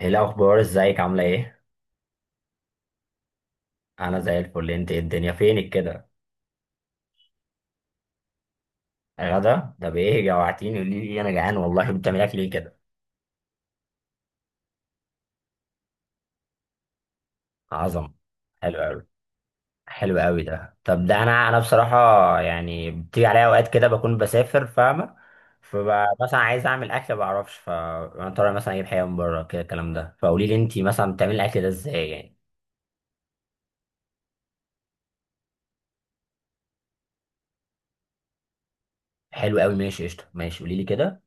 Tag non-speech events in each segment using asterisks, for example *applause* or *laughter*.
ايه الاخبار؟ ازيك؟ عامله ايه؟ انا زي الفل. انت إيه؟ الدنيا فينك كده؟ غدا ده بايه؟ جوعتيني، قولي لي، انا جعان والله. بتعمل اكل ايه كده؟ عظم. حلو قوي. حلو قوي ده. طب ده انا بصراحه. يعني بتيجي عليا اوقات كده بكون بسافر، فاهمه؟ فبقى مثلا عايز اعمل اكل ما بعرفش، فانا طالع مثلا اجيب حاجه من بره كده الكلام ده. فقولي لي انت مثلا بتعملي الاكل ده ازاي يعني. حلو قوي، ماشي قشطه، ماشي، قولي لي كده.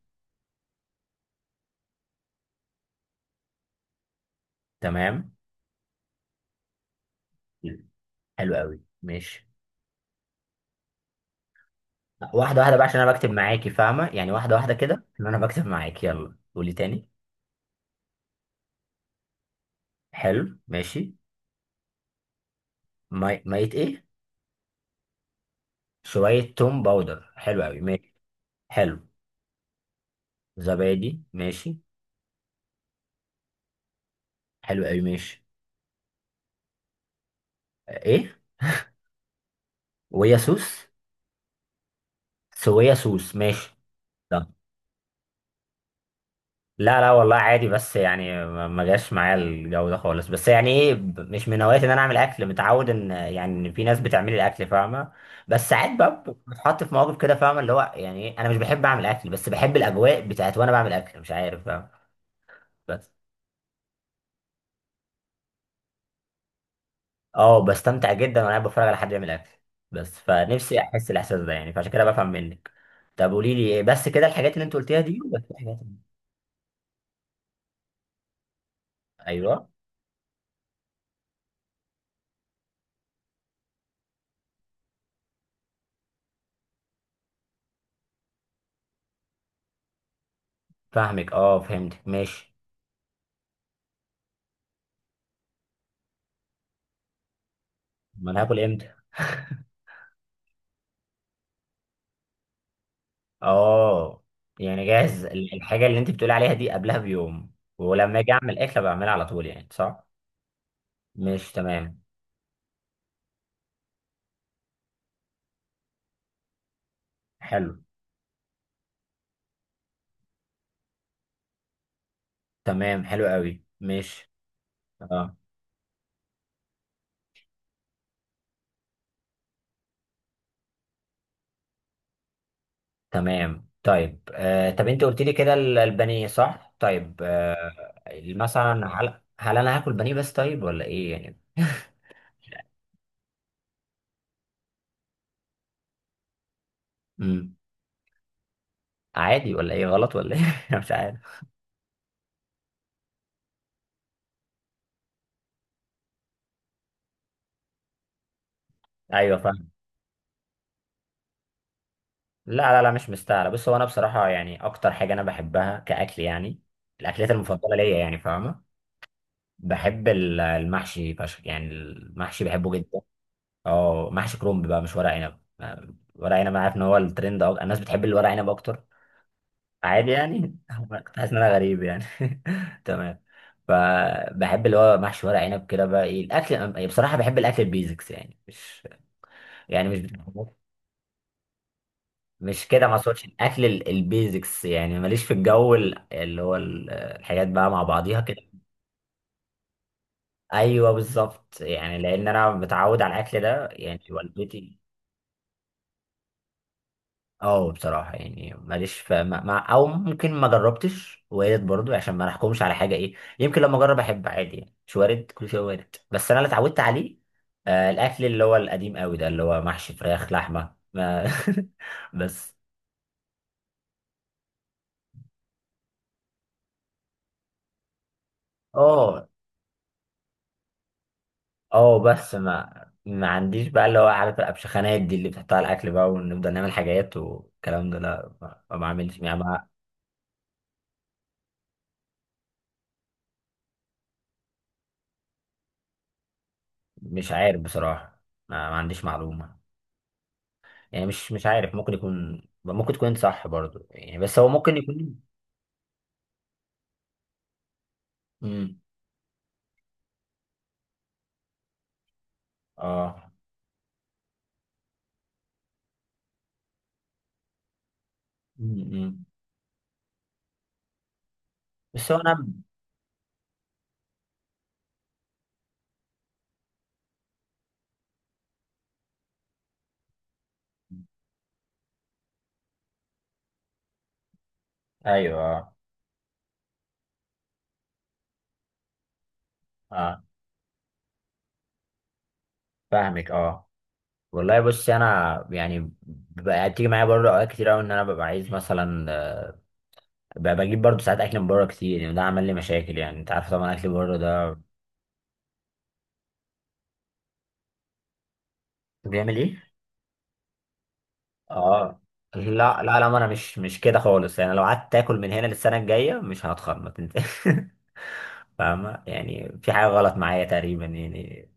تمام. حلو قوي، ماشي. واحدة واحدة بقى، عشان أنا بكتب معاكي، فاهمة؟ يعني واحدة واحدة كده، إن أنا بكتب معاكي، يلا قولي تاني. حلو، ماشي. مية إيه؟ شوية توم باودر، حلو أوي، ماشي. حلو. زبادي، ماشي. حلو أوي، ماشي. آه، إيه؟ ويا سوس؟ سويا سوس، ماشي. لا لا، والله عادي، بس يعني ما جاش معايا الجو ده خالص. بس يعني ايه، مش من هواياتي ان انا اعمل اكل. متعود ان يعني ان في ناس بتعمل لي الاكل، فاهمه؟ بس ساعات بقى بتحط في مواقف كده، فاهمه؟ اللي هو يعني إيه، انا مش بحب اعمل اكل بس بحب الاجواء بتاعت وانا بعمل اكل، مش عارف، فاهم؟ بس. اه، بستمتع جدا وانا قاعد بتفرج على حد يعمل اكل. بس فنفسي احس الاحساس ده يعني، فعشان كده بفهم منك. طب قولي لي، إيه بس كده الحاجات اللي انت قلتيها دي؟ ولا في حاجات؟ ايوه. فاهمك، اه، فهمتك، ماشي. ما انا هاكل امتى؟ اه. يعني جاهز الحاجة اللي انت بتقولي عليها دي قبلها بيوم. ولما اجي اعمل اكله بعملها على طول يعني، صح؟ مش تمام؟ حلو. تمام، حلو قوي، مش. اه. تمام، طيب. طب انت قلت لي كده البانيه، صح؟ طيب آه. مثلا، هل انا هاكل بانيه بس، طيب؟ ولا ايه يعني؟ امم. عادي ولا ايه؟ غلط ولا ايه؟ *laughs* مش عارف. ايوه، فاهم. لا لا لا، مش مستاهله، بص هو انا بصراحه يعني اكتر حاجه انا بحبها كاكل يعني. الاكلات المفضله ليا يعني، فاهمه؟ بحب المحشي فشخ يعني، المحشي بحبه جدا. اه، محشي كرنب بقى، مش ورق عنب. ورق عنب عارف ان هو الترند، الناس بتحب الورق عنب اكتر. عادي يعني، *laughs* كنت حاسس ان انا غريب يعني. *laughs* تمام. فبحب اللي هو محشي ورق عنب كده بقى. ايه الاكل يعني؟ بصراحه بحب الاكل البيزكس يعني، مش. يعني مش. *laughs* مش كده، ما اقصدش الاكل البيزكس، يعني ماليش في الجو اللي هو الحاجات بقى مع بعضيها كده. ايوه بالظبط، يعني لان انا متعود على الاكل ده، يعني والدتي. اه، بصراحه يعني ماليش ف... ما... ما... او ممكن ما جربتش، وارد برضو، عشان ما نحكمش على حاجه. ايه يمكن لما اجرب احب عادي يعني، مش وارد، كل شيء وارد، بس انا اللي اتعودت عليه. الاكل اللي هو القديم قوي ده اللي هو محشي فراخ لحمه ما... *laughs* بس. اه اه، بس ما عنديش بقى اللي هو عارف الابشخانات دي اللي بتحطها على الاكل بقى ونفضل نعمل حاجات والكلام ده، لا ما بعملش يعني. مش عارف بصراحة. ما عنديش معلومة. يعني مش عارف، ممكن يكون، ممكن تكون انت صح برضو يعني، بس هو ممكن يكون. امم. اه. امم. بس هو انا. ايوه، اه اه، فاهمك، اه. والله بص، انا يعني. بقى تيجي معايا برضه اوقات كتير قوي ان انا ببقى عايز مثلا. ببقى بجيب برضه ساعات اكل من بره كتير يعني، ده عمل لي مشاكل يعني، انت عارف طبعا اكل بره ده. بيعمل ايه؟ اه. لا لا لا، ما انا مش كده خالص يعني، لو قعدت تاكل من هنا للسنه الجايه مش هتخرب ما *laughs* فاهمة؟ يعني في حاجة غلط معايا تقريبا يعني.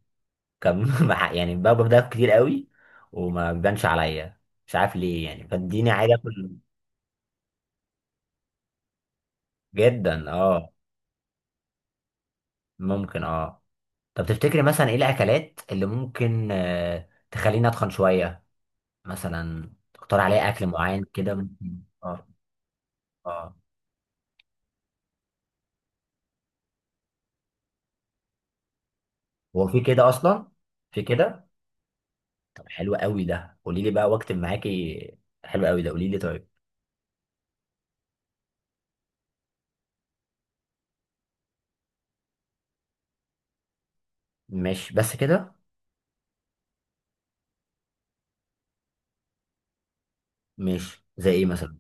كان. *laughs* يعني باكل ده كتير قوي. وما بيبانش عليا. مش عارف ليه يعني، فاديني عادي اكل. جدا، اه. ممكن، اه. طب تفتكري مثلا ايه الاكلات اللي ممكن تخليني اتخن شوية؟ مثلا تختار عليا اكل معين كده، ممكن؟ اه. اه، هو في كده اصلا؟ في كده؟ طب حلو قوي ده، قولي لي بقى واكتب معاكي. حلو قوي ده، قولي لي طيب. ماشي، بس كده؟ ماشي، زي ايه مثلا؟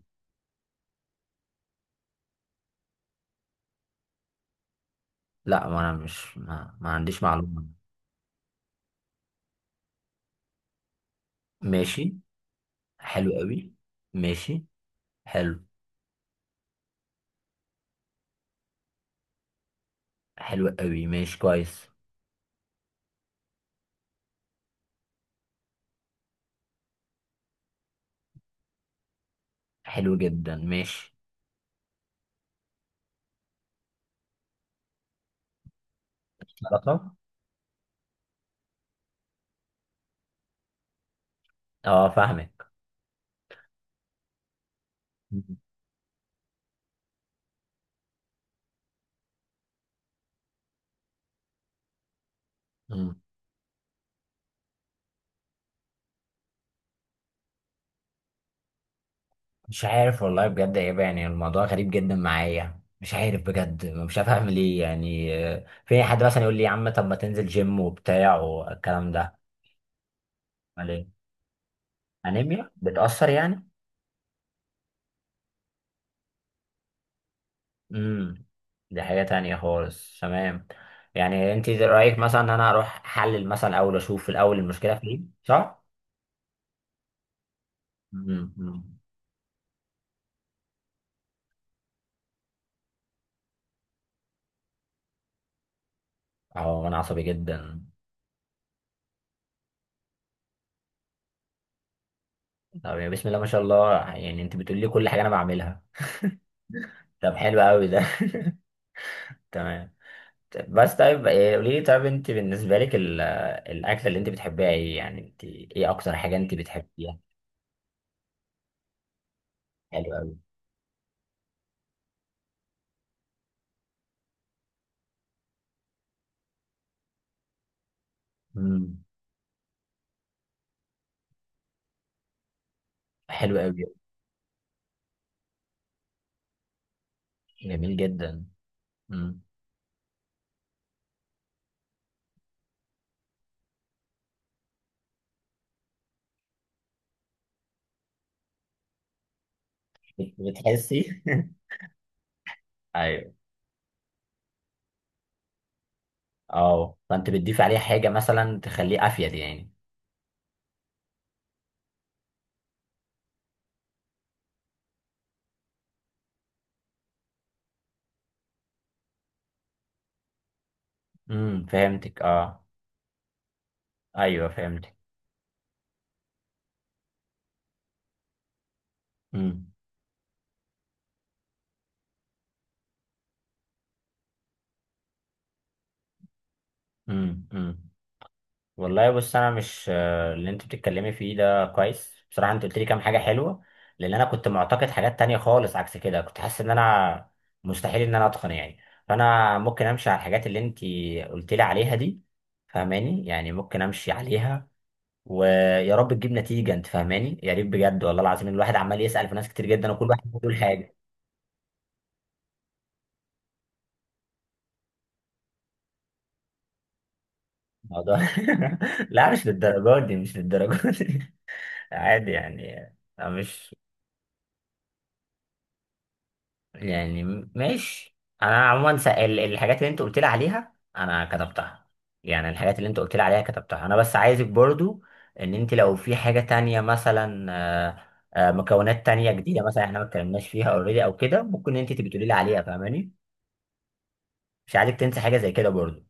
لا، ما انا مش، ما عنديش معلومة. ماشي. حلو قوي. ماشي. حلو. حلو قوي، ماشي، كويس. حلو جدا، ماشي. سلطة. اه، فاهمك. مم. مم. مش عارف والله بجد يا يابا. يعني الموضوع غريب جدا معايا، مش عارف بجد، مش عارف اعمل ايه يعني. في أي حد مثلا يقول لي يا عم طب ما تنزل جيم وبتاع والكلام ده؟ امال ايه؟ انيميا بتأثر يعني؟ امم. دي حاجة تانية خالص، تمام. يعني انت رأيك مثلا ان انا اروح احلل مثلا، اول اشوف في الاول المشكلة فين، صح؟ امم. اه. انا عصبي جدا. طب يا بسم الله ما شاء الله، يعني انت بتقولي لي كل حاجة انا بعملها! طب حلو قوي ده. *laughs* تمام. طب بس، طيب إيه، قولي لي طيب، انت بالنسبة لك الاكلة اللي انت بتحبيها ايه يعني؟ انت ايه اكتر حاجة انت بتحبيها؟ حلو قوي. امم. حلو قوي. جميل جدا. امم. بتحسي؟ *laughs* ايوه. اه، فانت بتضيف عليه حاجة مثلا تخليه افيد يعني؟ امم، فهمتك، اه. ايوه، فهمتك. امم امم. امم. والله بص، انا مش، اللي انت بتتكلمي فيه ده كويس بصراحة، انت قلت لي كام حاجة حلوة. لان انا كنت معتقد حاجات تانية خالص عكس كده، كنت حاسس ان انا مستحيل ان انا اتقن يعني. فانا ممكن امشي على الحاجات اللي انت قلت لي عليها دي. فاهماني؟ يعني ممكن امشي عليها. ويا رب تجيب نتيجة، انت فاهماني؟ يا ريت بجد، والله العظيم الواحد عمال يسأل في ناس كتير جدا وكل واحد بيقول حاجة. الموضوع. *laughs* لا، مش للدرجات دي، مش للدرجات دي. *laughs* عادي يعني. أنا مش. يعني. ماشي. انا عموما، الحاجات اللي انت قلت لي عليها انا كتبتها. يعني الحاجات اللي انت قلت لي عليها كتبتها انا، بس عايزك برضو ان انت لو في حاجة تانية مثلا، مكونات تانية جديدة مثلا احنا ما اتكلمناش فيها اوريدي او كده، ممكن انت تبقي تقولي لي عليها، فاهماني؟ مش عايزك تنسى حاجة زي كده برضو.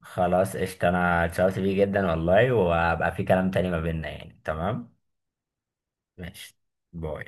خلاص، قشطة، انا اتشرفت بيه جدا والله، وهبقى في كلام تاني ما بيننا يعني، تمام. ماشي. باي.